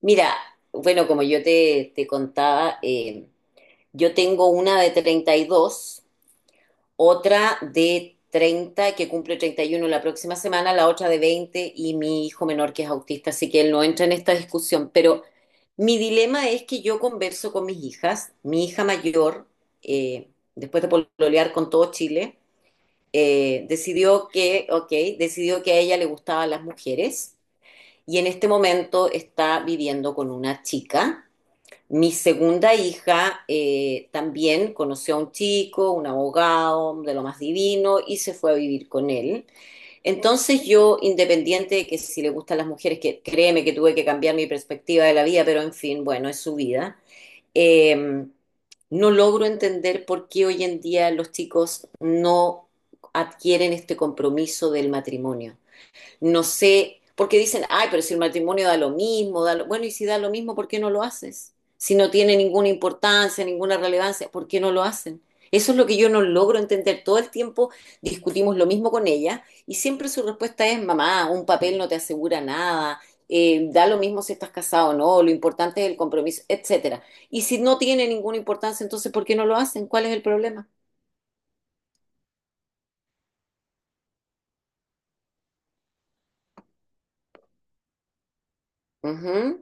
Mira, bueno, como yo te contaba, yo tengo una de 32, otra de 30 que cumple 31 la próxima semana, la otra de 20 y mi hijo menor que es autista, así que él no entra en esta discusión. Pero mi dilema es que yo converso con mis hijas, mi hija mayor, eh, después de pololear con todo Chile, decidió que, ok, decidió que a ella le gustaban las mujeres y en este momento está viviendo con una chica. Mi segunda hija, también conoció a un chico, un abogado de lo más divino, y se fue a vivir con él. Entonces yo, independiente de que si le gustan las mujeres, que créeme que tuve que cambiar mi perspectiva de la vida, pero en fin, bueno, es su vida. eh, no logro entender por qué hoy en día los chicos no adquieren este compromiso del matrimonio. No sé, porque dicen, ay, pero si el matrimonio da lo mismo, da lo... bueno, y si da lo mismo, ¿por qué no lo haces? Si no tiene ninguna importancia, ninguna relevancia, ¿por qué no lo hacen? Eso es lo que yo no logro entender. Todo el tiempo discutimos lo mismo con ella y siempre su respuesta es, mamá, un papel no te asegura nada, da lo mismo si estás casado o no, lo importante es el compromiso, etcétera. Y si no tiene ninguna importancia, entonces, ¿por qué no lo hacen? ¿Cuál es el problema? Ujú,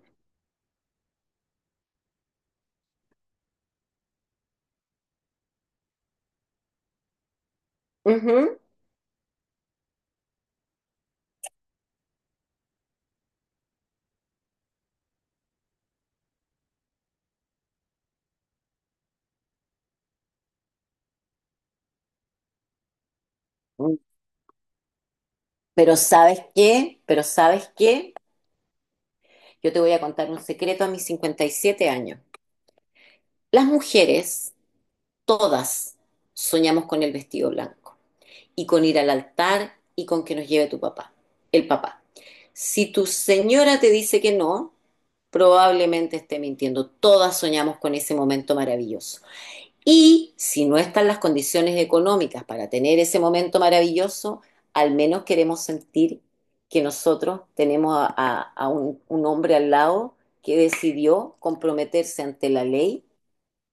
ujú. Pero ¿sabes qué? Pero ¿sabes qué? Yo te voy a contar un secreto a mis 57 años. Las mujeres, todas, soñamos con el vestido blanco y con ir al altar y con que nos lleve tu papá, el papá. Si tu señora te dice que no, probablemente esté mintiendo. Todas soñamos con ese momento maravilloso. Y si no están las condiciones económicas para tener ese momento maravilloso, al menos queremos sentir que nosotros tenemos a un hombre al lado que decidió comprometerse ante la ley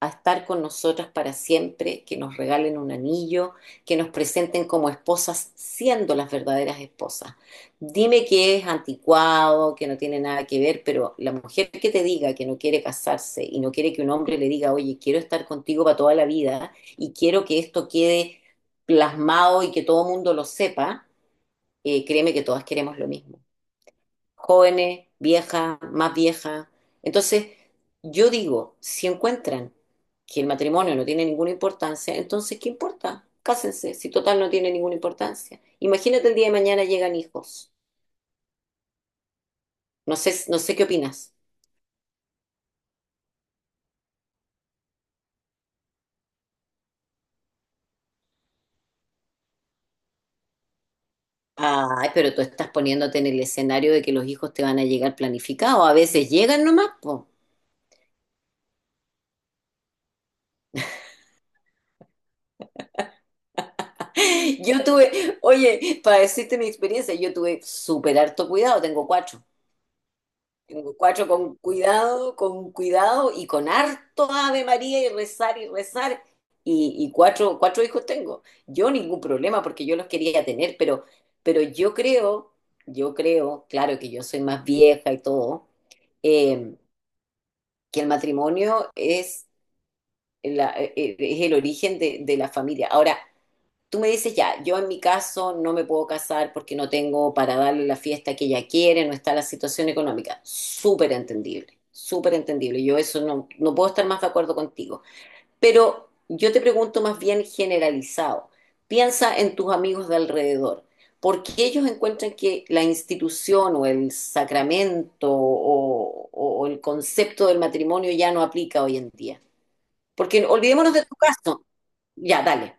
a estar con nosotras para siempre, que nos regalen un anillo, que nos presenten como esposas siendo las verdaderas esposas. Dime que es anticuado, que no tiene nada que ver, pero la mujer que te diga que no quiere casarse y no quiere que un hombre le diga, oye, quiero estar contigo para toda la vida y quiero que esto quede plasmado y que todo el mundo lo sepa, créeme que todas queremos lo mismo, jóvenes, viejas, más viejas. Entonces, yo digo, si encuentran que el matrimonio no tiene ninguna importancia, entonces, ¿qué importa? Cásense, si total no tiene ninguna importancia. Imagínate el día de mañana llegan hijos. No sé, no sé qué opinas. Ay, pero tú estás poniéndote en el escenario de que los hijos te van a llegar planificados. A veces llegan nomás, po. Yo tuve, oye, para decirte mi experiencia, yo tuve súper harto cuidado, tengo cuatro. Cuatro con cuidado y con harto Ave María y rezar y rezar. Y cuatro hijos tengo. Yo ningún problema porque yo los quería tener, pero, pero yo creo, claro que yo soy más vieja y todo, eh, que el matrimonio es, es el origen de, la familia. Ahora, tú me dices, ya, yo en mi caso no me puedo casar porque no tengo para darle la fiesta que ella quiere, no está la situación económica. Súper entendible, súper entendible. Yo eso no, no puedo estar más de acuerdo contigo. Pero yo te pregunto más bien generalizado. Piensa en tus amigos de alrededor. ¿Por qué ellos encuentran que la institución o el sacramento o el concepto del matrimonio ya no aplica hoy en día? Porque olvidémonos de tu caso. Ya, dale.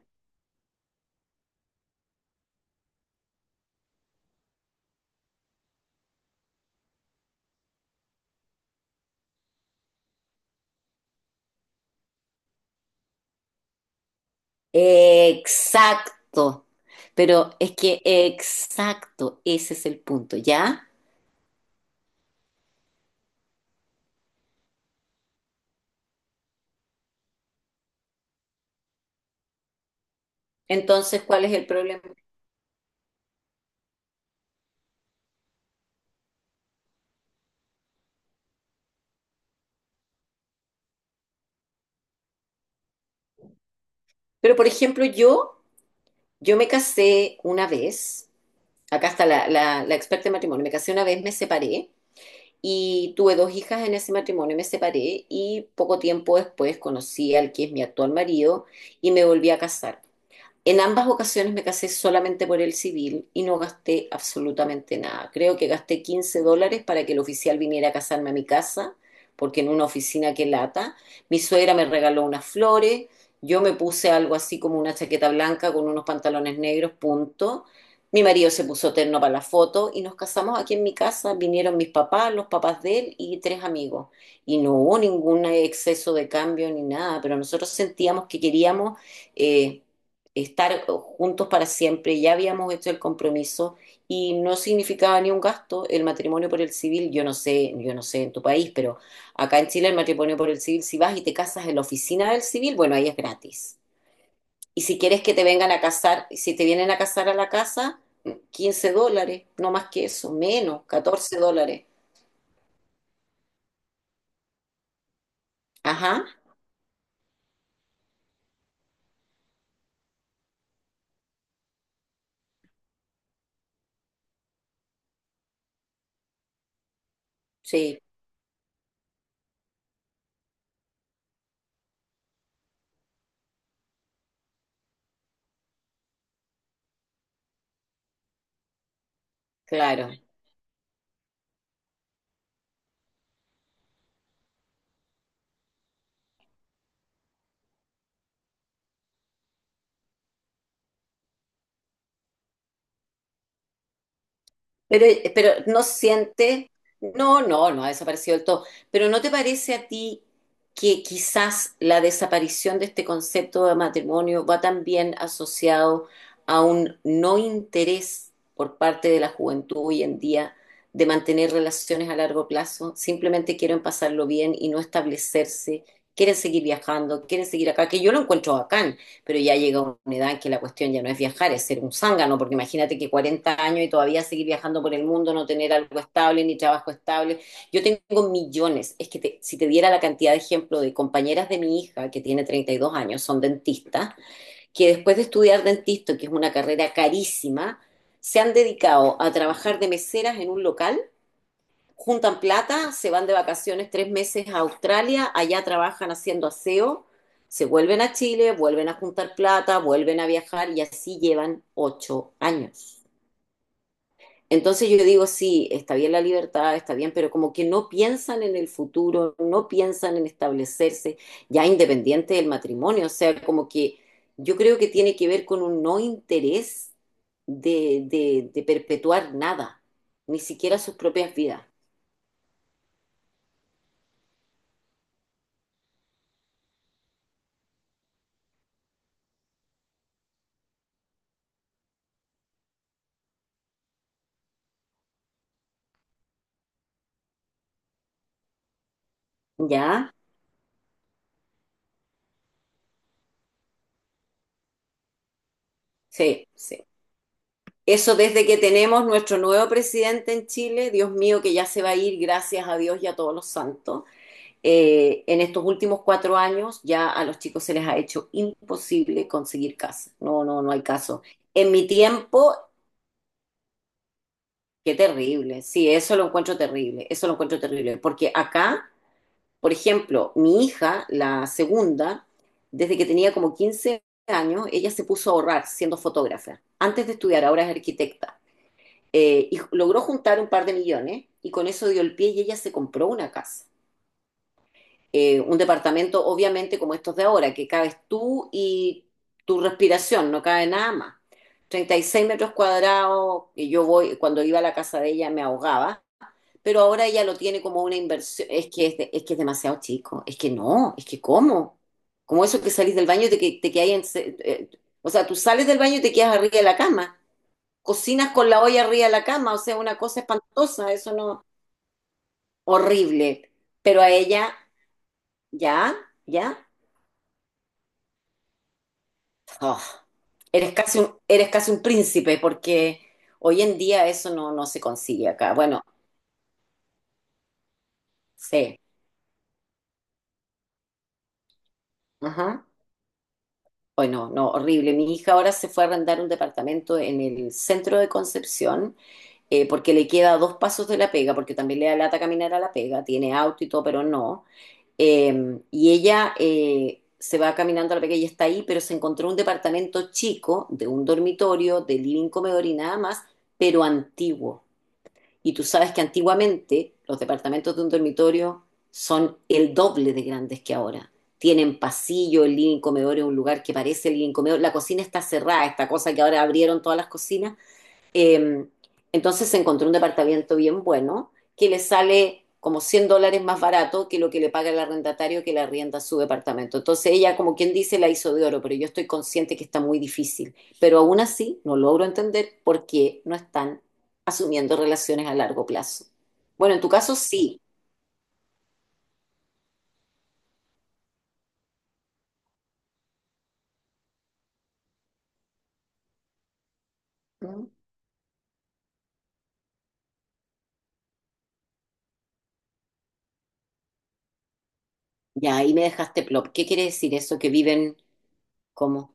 Exacto. Pero es que exacto, ese es el punto, ¿ya? Entonces, ¿cuál es el problema? Pero, por ejemplo, yo me casé una vez, acá está la experta en matrimonio, me casé una vez, me separé y tuve dos hijas en ese matrimonio, me separé y poco tiempo después conocí al que es mi actual marido y me volví a casar. En ambas ocasiones me casé solamente por el civil y no gasté absolutamente nada. Creo que gasté $15 para que el oficial viniera a casarme a mi casa, porque en una oficina, que lata. Mi suegra me regaló unas flores, yo me puse algo así como una chaqueta blanca con unos pantalones negros, punto. Mi marido se puso terno para la foto y nos casamos aquí en mi casa. Vinieron mis papás, los papás de él y tres amigos. Y no hubo ningún exceso de cambio ni nada, pero nosotros sentíamos que queríamos... eh, estar juntos para siempre, ya habíamos hecho el compromiso y no significaba ni un gasto el matrimonio por el civil. Yo no sé en tu país, pero acá en Chile el matrimonio por el civil, si vas y te casas en la oficina del civil, bueno, ahí es gratis. Y si quieres que te vengan a casar, si te vienen a casar a la casa, $15, no más que eso, menos, $14. Ajá, sí, claro. Pero, pero no siente, no, no, no ha desaparecido del todo. Pero ¿no te parece a ti que quizás la desaparición de este concepto de matrimonio va también asociado a un no interés por parte de la juventud hoy en día de mantener relaciones a largo plazo? Simplemente quieren pasarlo bien y no establecerse, quieren seguir viajando, quieren seguir acá, que yo lo encuentro acá, pero ya llega una edad en que la cuestión ya no es viajar, es ser un zángano, porque imagínate que 40 años y todavía seguir viajando por el mundo, no tener algo estable, ni trabajo estable. Yo tengo millones, es que si te diera la cantidad de ejemplo de compañeras de mi hija, que tiene 32 años, son dentistas, que después de estudiar dentista, que es una carrera carísima, se han dedicado a trabajar de meseras en un local, juntan plata, se van de vacaciones 3 meses a Australia, allá trabajan haciendo aseo, se vuelven a Chile, vuelven a juntar plata, vuelven a viajar y así llevan 8 años. Entonces yo digo, sí, está bien la libertad, está bien, pero como que no piensan en el futuro, no piensan en establecerse, ya independiente del matrimonio, o sea, como que yo creo que tiene que ver con un no interés de, de perpetuar nada, ni siquiera sus propias vidas, ¿ya? Sí, sí. Eso desde que tenemos nuestro nuevo presidente en Chile, Dios mío, que ya se va a ir, gracias a Dios y a todos los santos. En estos últimos 4 años ya a los chicos se les ha hecho imposible conseguir casa. No, no, no hay caso. En mi tiempo, qué terrible. Sí, eso lo encuentro terrible. Eso lo encuentro terrible. Porque acá, por ejemplo, mi hija, la segunda, desde que tenía como 15 años, ella se puso a ahorrar siendo fotógrafa. Antes de estudiar, ahora es arquitecta. Y logró juntar un par de millones y con eso dio el pie y ella se compró una casa. Un departamento, obviamente, como estos de ahora, que cabes tú y tu respiración, no cabe nada más. 36 metros cuadrados, y yo voy, cuando iba a la casa de ella me ahogaba, pero ahora ella lo tiene como una inversión. Es que es, es que es demasiado chico, es que no, es que ¿cómo? Como eso que salís del baño y te quedáis o sea, tú sales del baño y te quedas arriba de la cama, cocinas con la olla arriba de la cama, o sea, una cosa espantosa. Eso no, horrible. Pero a ella, ya, ya, oh, eres casi un príncipe, porque hoy en día eso no, no se consigue acá. Bueno, sí, ajá. Bueno, no, horrible. Mi hija ahora se fue a arrendar un departamento en el centro de Concepción, porque le queda dos pasos de la pega, porque también le da lata caminar a la pega, tiene auto y todo, pero no. Y ella se va caminando a la pega y está ahí, pero se encontró un departamento chico, de un dormitorio, de living, comedor y nada más, pero antiguo. Y tú sabes que antiguamente los departamentos de un dormitorio son el doble de grandes que ahora. Tienen pasillo, el living comedor es un lugar que parece el living comedor. La cocina está cerrada, esta cosa que ahora abrieron todas las cocinas, eh, entonces encontró un departamento bien bueno que le sale como $100 más barato que lo que le paga el arrendatario que le arrienda su departamento. Entonces ella, como quien dice, la hizo de oro, pero yo estoy consciente que está muy difícil. Pero aún así no logro entender por qué no están asumiendo relaciones a largo plazo. Bueno, en tu caso sí. ¿No? Ya ahí me dejaste plop. ¿Qué quiere decir eso? Que viven como.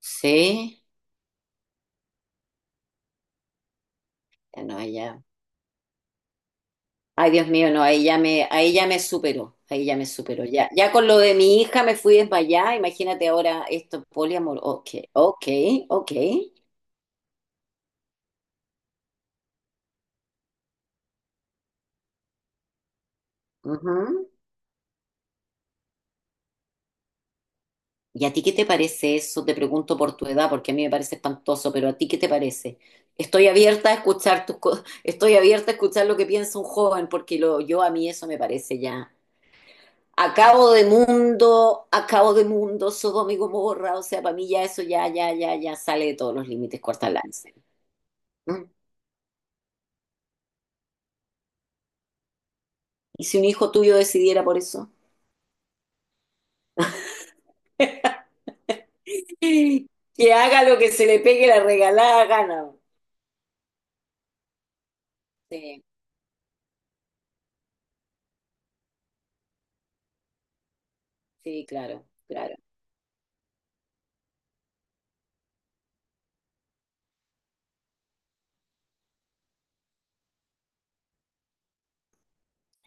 Sí. Ya. No, ya. Ay, Dios mío, no, ahí ya me superó, ahí ya me superó. Ya, ya con lo de mi hija me fui desmayada, imagínate ahora esto, poliamor. Ok, ok, ok. Ujú. ¿Y a ti qué te parece eso? Te pregunto por tu edad, porque a mí me parece espantoso, pero ¿a ti qué te parece? Estoy abierta a escuchar estoy abierta a escuchar lo que piensa un joven, porque yo a mí eso me parece ya. Acabo de mundo, Sodoma y Gomorra, o sea, para mí ya eso ya, ya, ya, ya sale de todos los límites, corta el lance. Y si un hijo tuyo decidiera por eso, que haga lo que se le pegue la regalada gana. Sí, sí, claro, claro.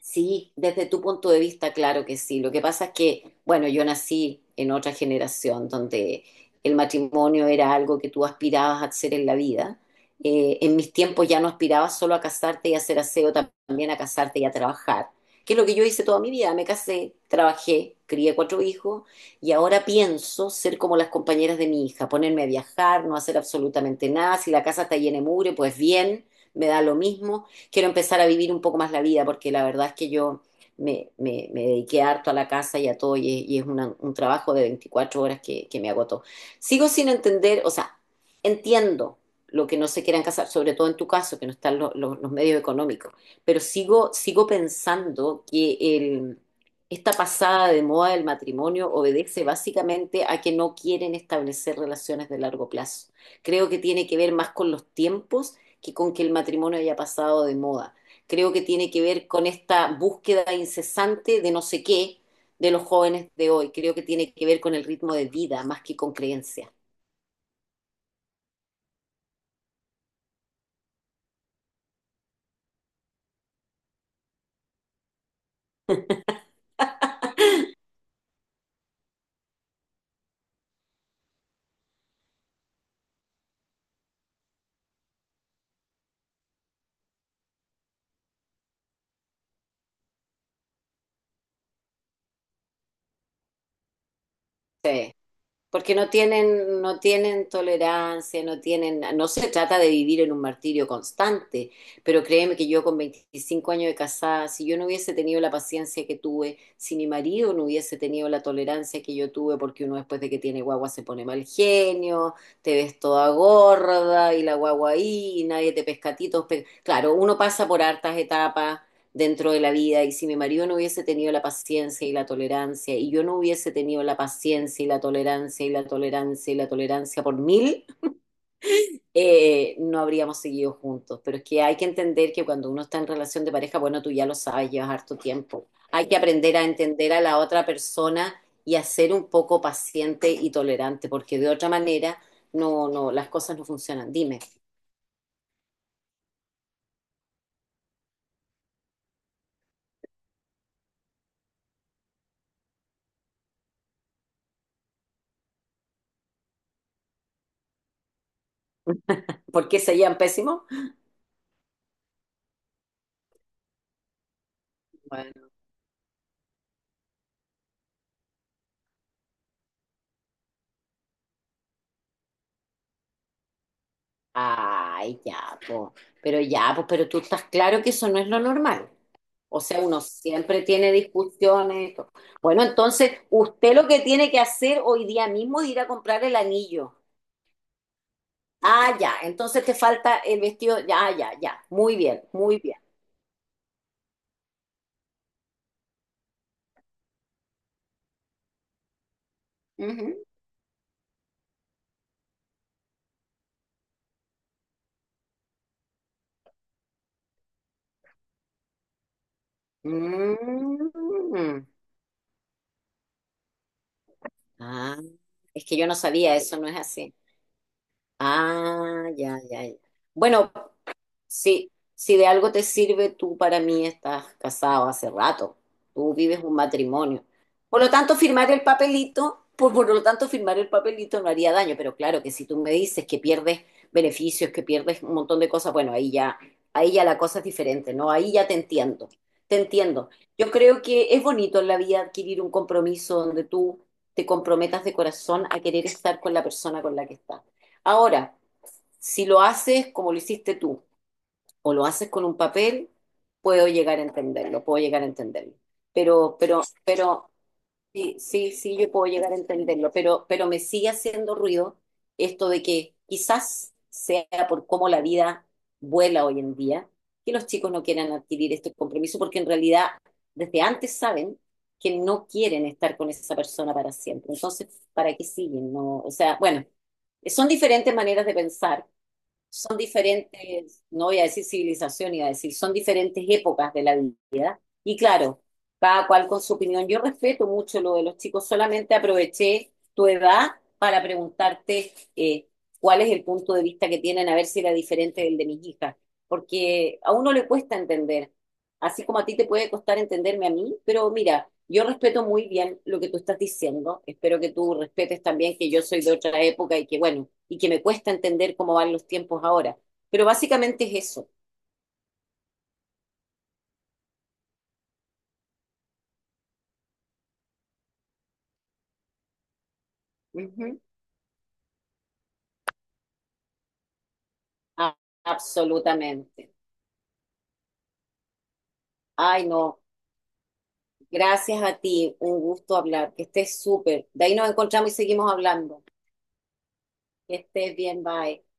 Sí, desde tu punto de vista, claro que sí. Lo que pasa es que, bueno, yo nací en otra generación donde el matrimonio era algo que tú aspirabas a hacer en la vida. En mis tiempos ya no aspirabas solo a casarte y a hacer aseo, también a casarte y a trabajar, que es lo que yo hice toda mi vida. Me casé, trabajé, crié cuatro hijos y ahora pienso ser como las compañeras de mi hija, ponerme a viajar, no hacer absolutamente nada. Si la casa está llena de mugre, pues bien, me da lo mismo. Quiero empezar a vivir un poco más la vida, porque la verdad es que yo me dediqué harto a la casa y a todo, y es un trabajo de 24 horas que me agotó. Sigo sin entender, o sea, entiendo lo que no se quieran casar, sobre todo en tu caso, que no están los medios económicos, pero sigo pensando que esta pasada de moda del matrimonio obedece básicamente a que no quieren establecer relaciones de largo plazo. Creo que tiene que ver más con los tiempos que con que el matrimonio haya pasado de moda. Creo que tiene que ver con esta búsqueda incesante de no sé qué de los jóvenes de hoy. Creo que tiene que ver con el ritmo de vida más que con creencias. Sí. Porque no tienen tolerancia, no tienen, no se trata de vivir en un martirio constante, pero créeme que yo con 25 años de casada, si yo no hubiese tenido la paciencia que tuve, si mi marido no hubiese tenido la tolerancia que yo tuve, porque uno después de que tiene guagua se pone mal genio, te ves toda gorda y la guagua ahí y nadie te pesca a ti, claro, uno pasa por hartas etapas dentro de la vida, y si mi marido no hubiese tenido la paciencia y la tolerancia y yo no hubiese tenido la paciencia y la tolerancia y la tolerancia y la tolerancia por mil, no habríamos seguido juntos. Pero es que hay que entender que cuando uno está en relación de pareja, bueno, tú ya lo sabes, llevas harto tiempo. Hay que aprender a entender a la otra persona y a ser un poco paciente y tolerante, porque de otra manera no, no, las cosas no funcionan. Dime, ¿por qué se llevan pésimo? Bueno. Ay, ya, po. Pero ya, pues, pero tú estás claro que eso no es lo normal. O sea, uno siempre tiene discusiones. Y bueno, entonces, usted lo que tiene que hacer hoy día mismo es ir a comprar el anillo. Ah, ya, entonces te falta el vestido. Ya, ya, ya. Muy bien, muy bien. Ujú. Mm. Ah, es que yo no sabía, eso no es así. Ah, ya, ya, ya. Bueno, sí, si de algo te sirve, tú para mí estás casado hace rato. Tú vives un matrimonio. Por lo tanto, firmar el papelito, por lo tanto, firmar el papelito no haría daño. Pero claro que si tú me dices que pierdes beneficios, que pierdes un montón de cosas, bueno, ahí ya la cosa es diferente, ¿no? Ahí ya te entiendo. Te entiendo. Yo creo que es bonito en la vida adquirir un compromiso donde tú te comprometas de corazón a querer estar con la persona con la que estás. Ahora, si lo haces como lo hiciste tú o lo haces con un papel, puedo llegar a entenderlo, puedo llegar a entenderlo. Pero, sí, sí, sí, yo puedo llegar a entenderlo, pero me sigue haciendo ruido esto de que quizás sea por cómo la vida vuela hoy en día, que los chicos no quieran adquirir este compromiso, porque en realidad desde antes saben que no quieren estar con esa persona para siempre. Entonces, ¿para qué siguen? No, o sea, bueno, son diferentes maneras de pensar. Son diferentes, no voy a decir civilización, iba a decir, son diferentes épocas de la vida. Y claro, cada cual con su opinión. Yo respeto mucho lo de los chicos, solamente aproveché tu edad para preguntarte cuál es el punto de vista que tienen, a ver si era diferente del de mis hijas. Porque a uno le cuesta entender así como a ti te puede costar entenderme a mí, pero mira, yo respeto muy bien lo que tú estás diciendo, espero que tú respetes también que yo soy de otra época y que bueno, y que me cuesta entender cómo van los tiempos ahora, pero básicamente es eso. Ujú. A- Absolutamente. Ay, no, gracias a ti, un gusto hablar, que estés súper. De ahí nos encontramos y seguimos hablando. Que estés bien, bye.